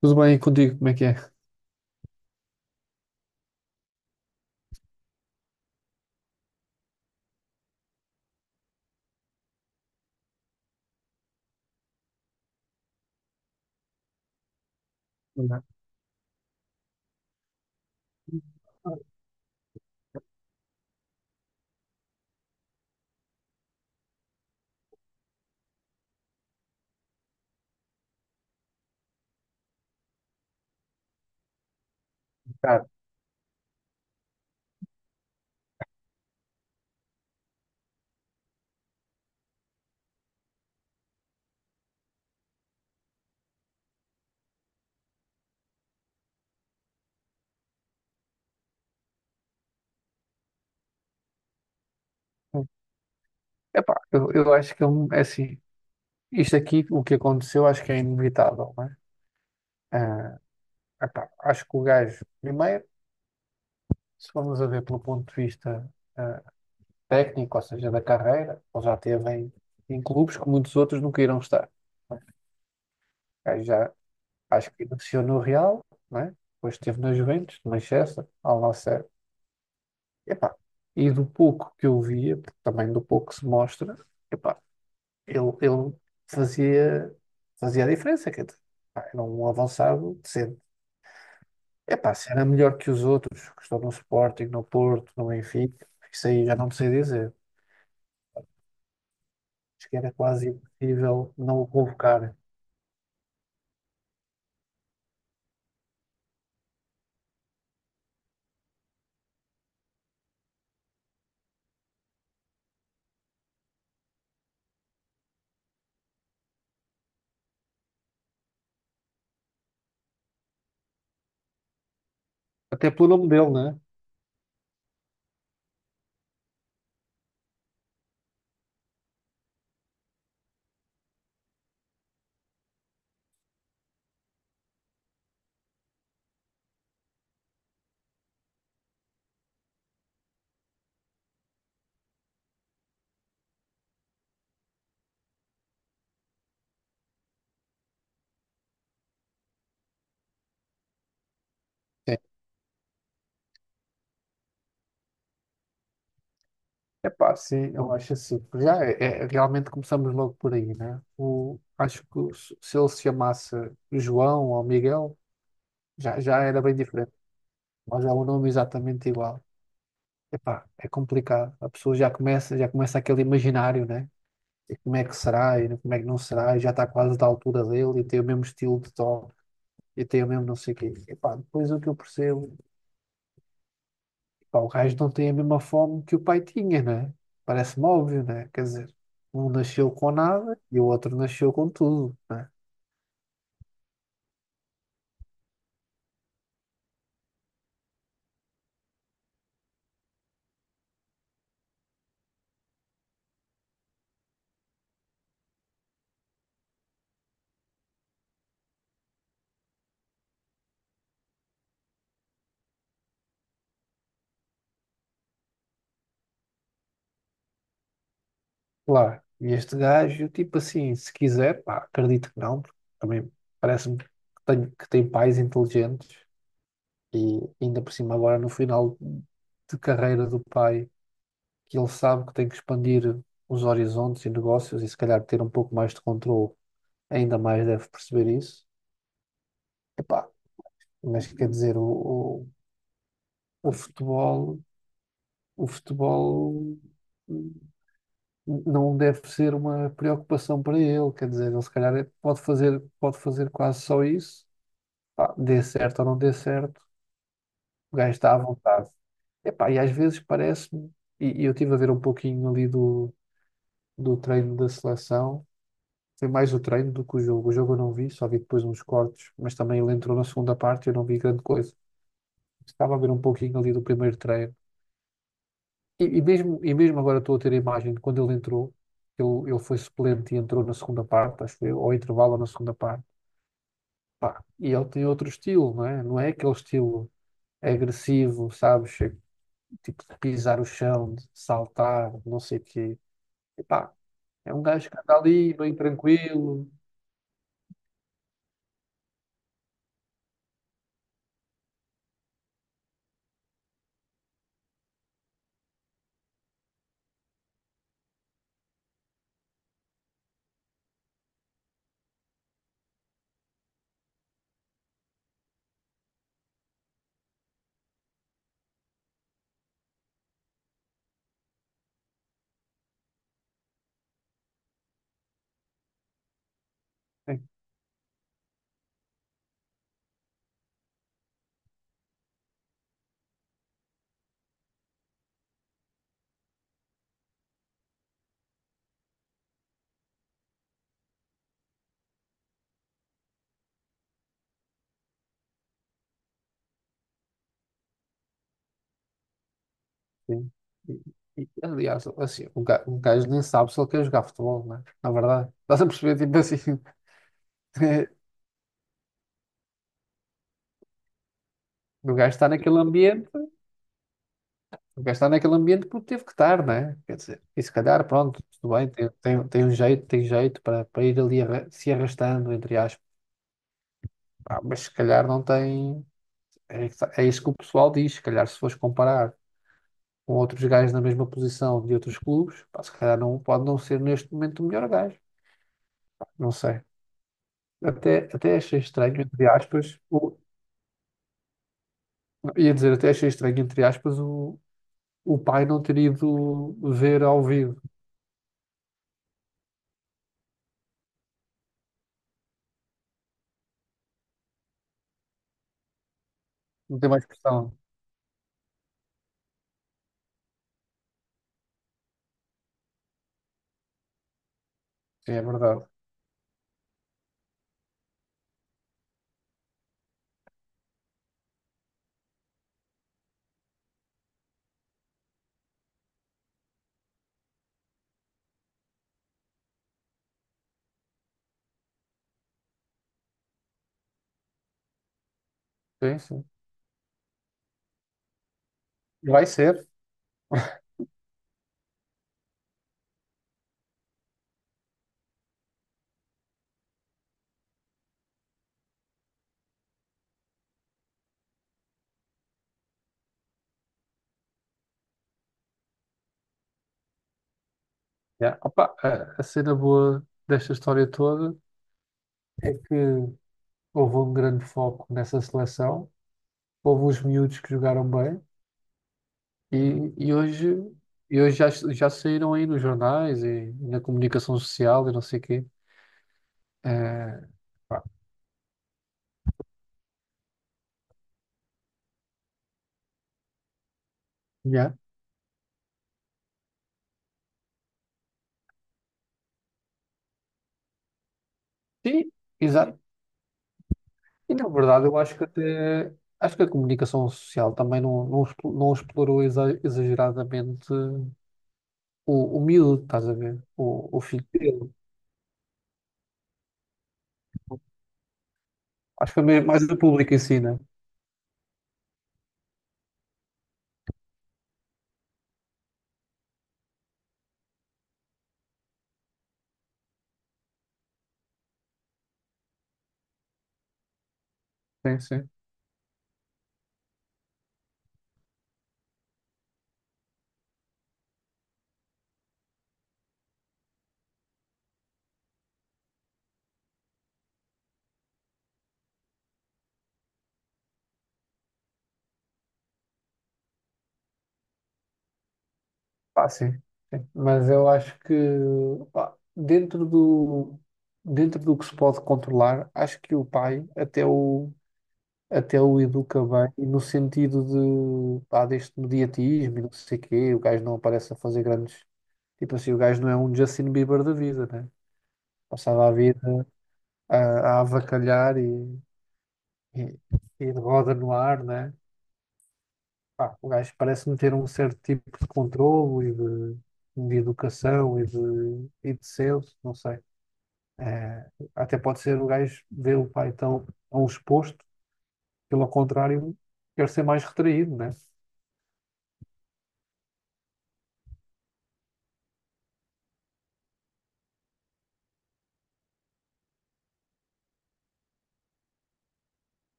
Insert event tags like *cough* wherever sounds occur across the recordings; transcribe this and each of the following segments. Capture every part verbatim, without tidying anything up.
Tudo bem contigo? Como é que é? Olá. Cara, epá, eu, eu acho que é um- é assim, isto aqui, o que aconteceu, acho que é inevitável, não é? Ah, Epá, acho que o gajo, primeiro, se formos a ver pelo ponto de vista ah, técnico, ou seja, da carreira, ele já esteve em, em clubes que muitos outros nunca irão estar. Não é? O gajo já, acho que iniciou no Real, não é? Depois esteve na Juventus, no Manchester, ao Al Nassr. Epá, e do pouco que eu via, porque também do pouco que se mostra, epá, ele, ele fazia, fazia a diferença. Quer dizer, pá, era um avançado decente. Epá, se era melhor que os outros, que estão no Sporting, no Porto, no Benfica, isso aí já não me sei dizer. Acho que era quase impossível não o convocar. Até pelo nome dele, né? Sim. Epá, sim, eu acho assim. Porque Já é, é- realmente começamos logo por aí, né? O, acho que o- se ele se chamasse João ou Miguel, já, já era bem diferente. Mas é um nome exatamente igual. Epá, é complicado. A pessoa já começa, já começa aquele imaginário, né? E como é que será e como é que não será, e já está quase da altura dele e tem o mesmo estilo de tom e tem o mesmo não sei o quê. Epá, depois o que eu percebo, epá, o gajo não tem a mesma fome que o pai tinha, né? Parece-me óbvio, né? Quer dizer, um nasceu com nada e o outro nasceu com tudo, né? Claro. E este gajo, tipo assim, se quiser, pá, acredito que não, porque também parece-me que tem, que tem pais inteligentes. E ainda por cima, agora no final de carreira do pai, que ele sabe que tem que expandir os horizontes e negócios e se calhar ter um pouco mais de controle, ainda mais deve perceber isso. Epá, mas quer dizer, o, o, o futebol, o futebol hum, não deve ser uma preocupação para ele, quer dizer, ele se calhar é- pode fazer, pode fazer quase só isso, pá, dê certo ou não dê certo. O gajo está à vontade. Epá, e às vezes parece-me, e, e eu estive a ver um pouquinho ali do, do treino da seleção, foi mais o treino do que o jogo. O jogo eu não vi, só vi depois uns cortes, mas também ele entrou na segunda parte e eu não vi grande coisa. Estava a ver um pouquinho ali do primeiro treino. E, e mesmo, e mesmo agora estou a ter a imagem de quando ele entrou, ele, ele foi suplente e entrou na segunda parte, acho que foi, ou intervalo ou na segunda parte. Pá, e ele tem outro estilo, não é? Não é aquele estilo agressivo, sabes? Tipo de pisar o chão, de saltar, não sei o quê. Epá, é um gajo que anda ali, bem tranquilo. É, sim. E, e, aliás, assim, um gajo, um gajo nem sabe se ele quer jogar futebol, não é? Na verdade, *laughs* estás a perceber, tipo assim, *laughs* o gajo está naquele ambiente, o gajo está naquele ambiente porque teve que estar, não é? Quer dizer, e se calhar, pronto, tudo bem, tem, tem, tem um jeito, tem jeito para, para ir ali arra- se arrastando, entre aspas. Pá, mas se calhar não tem. É, isso- é isso que o pessoal diz, se calhar se fores comparar com outros gajos na mesma posição de outros clubes, pá, se calhar não, pode não ser neste momento o melhor gajo. Não sei. Até, até achei estranho, entre aspas, o, ia dizer, até achei estranho, entre aspas, o, o pai não ter ido ver ao vivo. Não tem mais pressão. Sim, é verdade. Sim, sim. Vai ser. Yeah. Opa, a, a cena boa desta história toda é que houve um grande foco nessa seleção, houve os miúdos que jogaram bem. E, e hoje, e hoje já, já saíram aí nos jornais e na comunicação social e não sei o quê. Eh, pá, já. Sim, exato. E na verdade eu acho que até, acho que a comunicação social também não, não, expo- não explorou exa- exageradamente o, o miúdo, estás a ver? O, o filho dele. Acho que foi mesmo mais o público em si, né? Sim, sim. Ah, sim, sim. Mas eu acho que pá, dentro do, dentro do que se pode controlar, acho que o pai até o, até o educa bem, e no sentido de, pá, deste mediatismo e não sei quê, o gajo não aparece a fazer grandes. Tipo assim, o gajo não é um Justin Bieber da vida, né? Passava a vida a, a avacalhar e, e, e de roda no ar, né? Pá, o gajo parece-me ter um certo tipo de controlo e de, de educação e de, e de senso, não sei. Eh, até pode ser o gajo ver o pai tão, tão exposto, pelo contrário, quer ser mais retraído, né?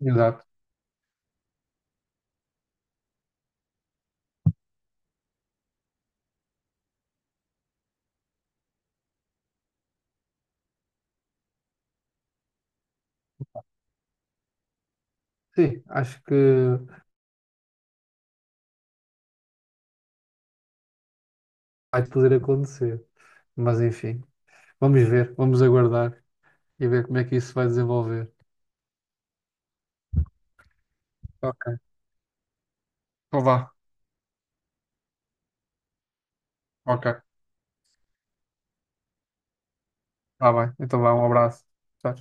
Exato. Sim, acho que vai poder acontecer. Mas enfim, vamos ver, vamos aguardar e ver como é que isso vai desenvolver. Ok. Então vá, ok. Tá bem. Então vá, um abraço. Tchau.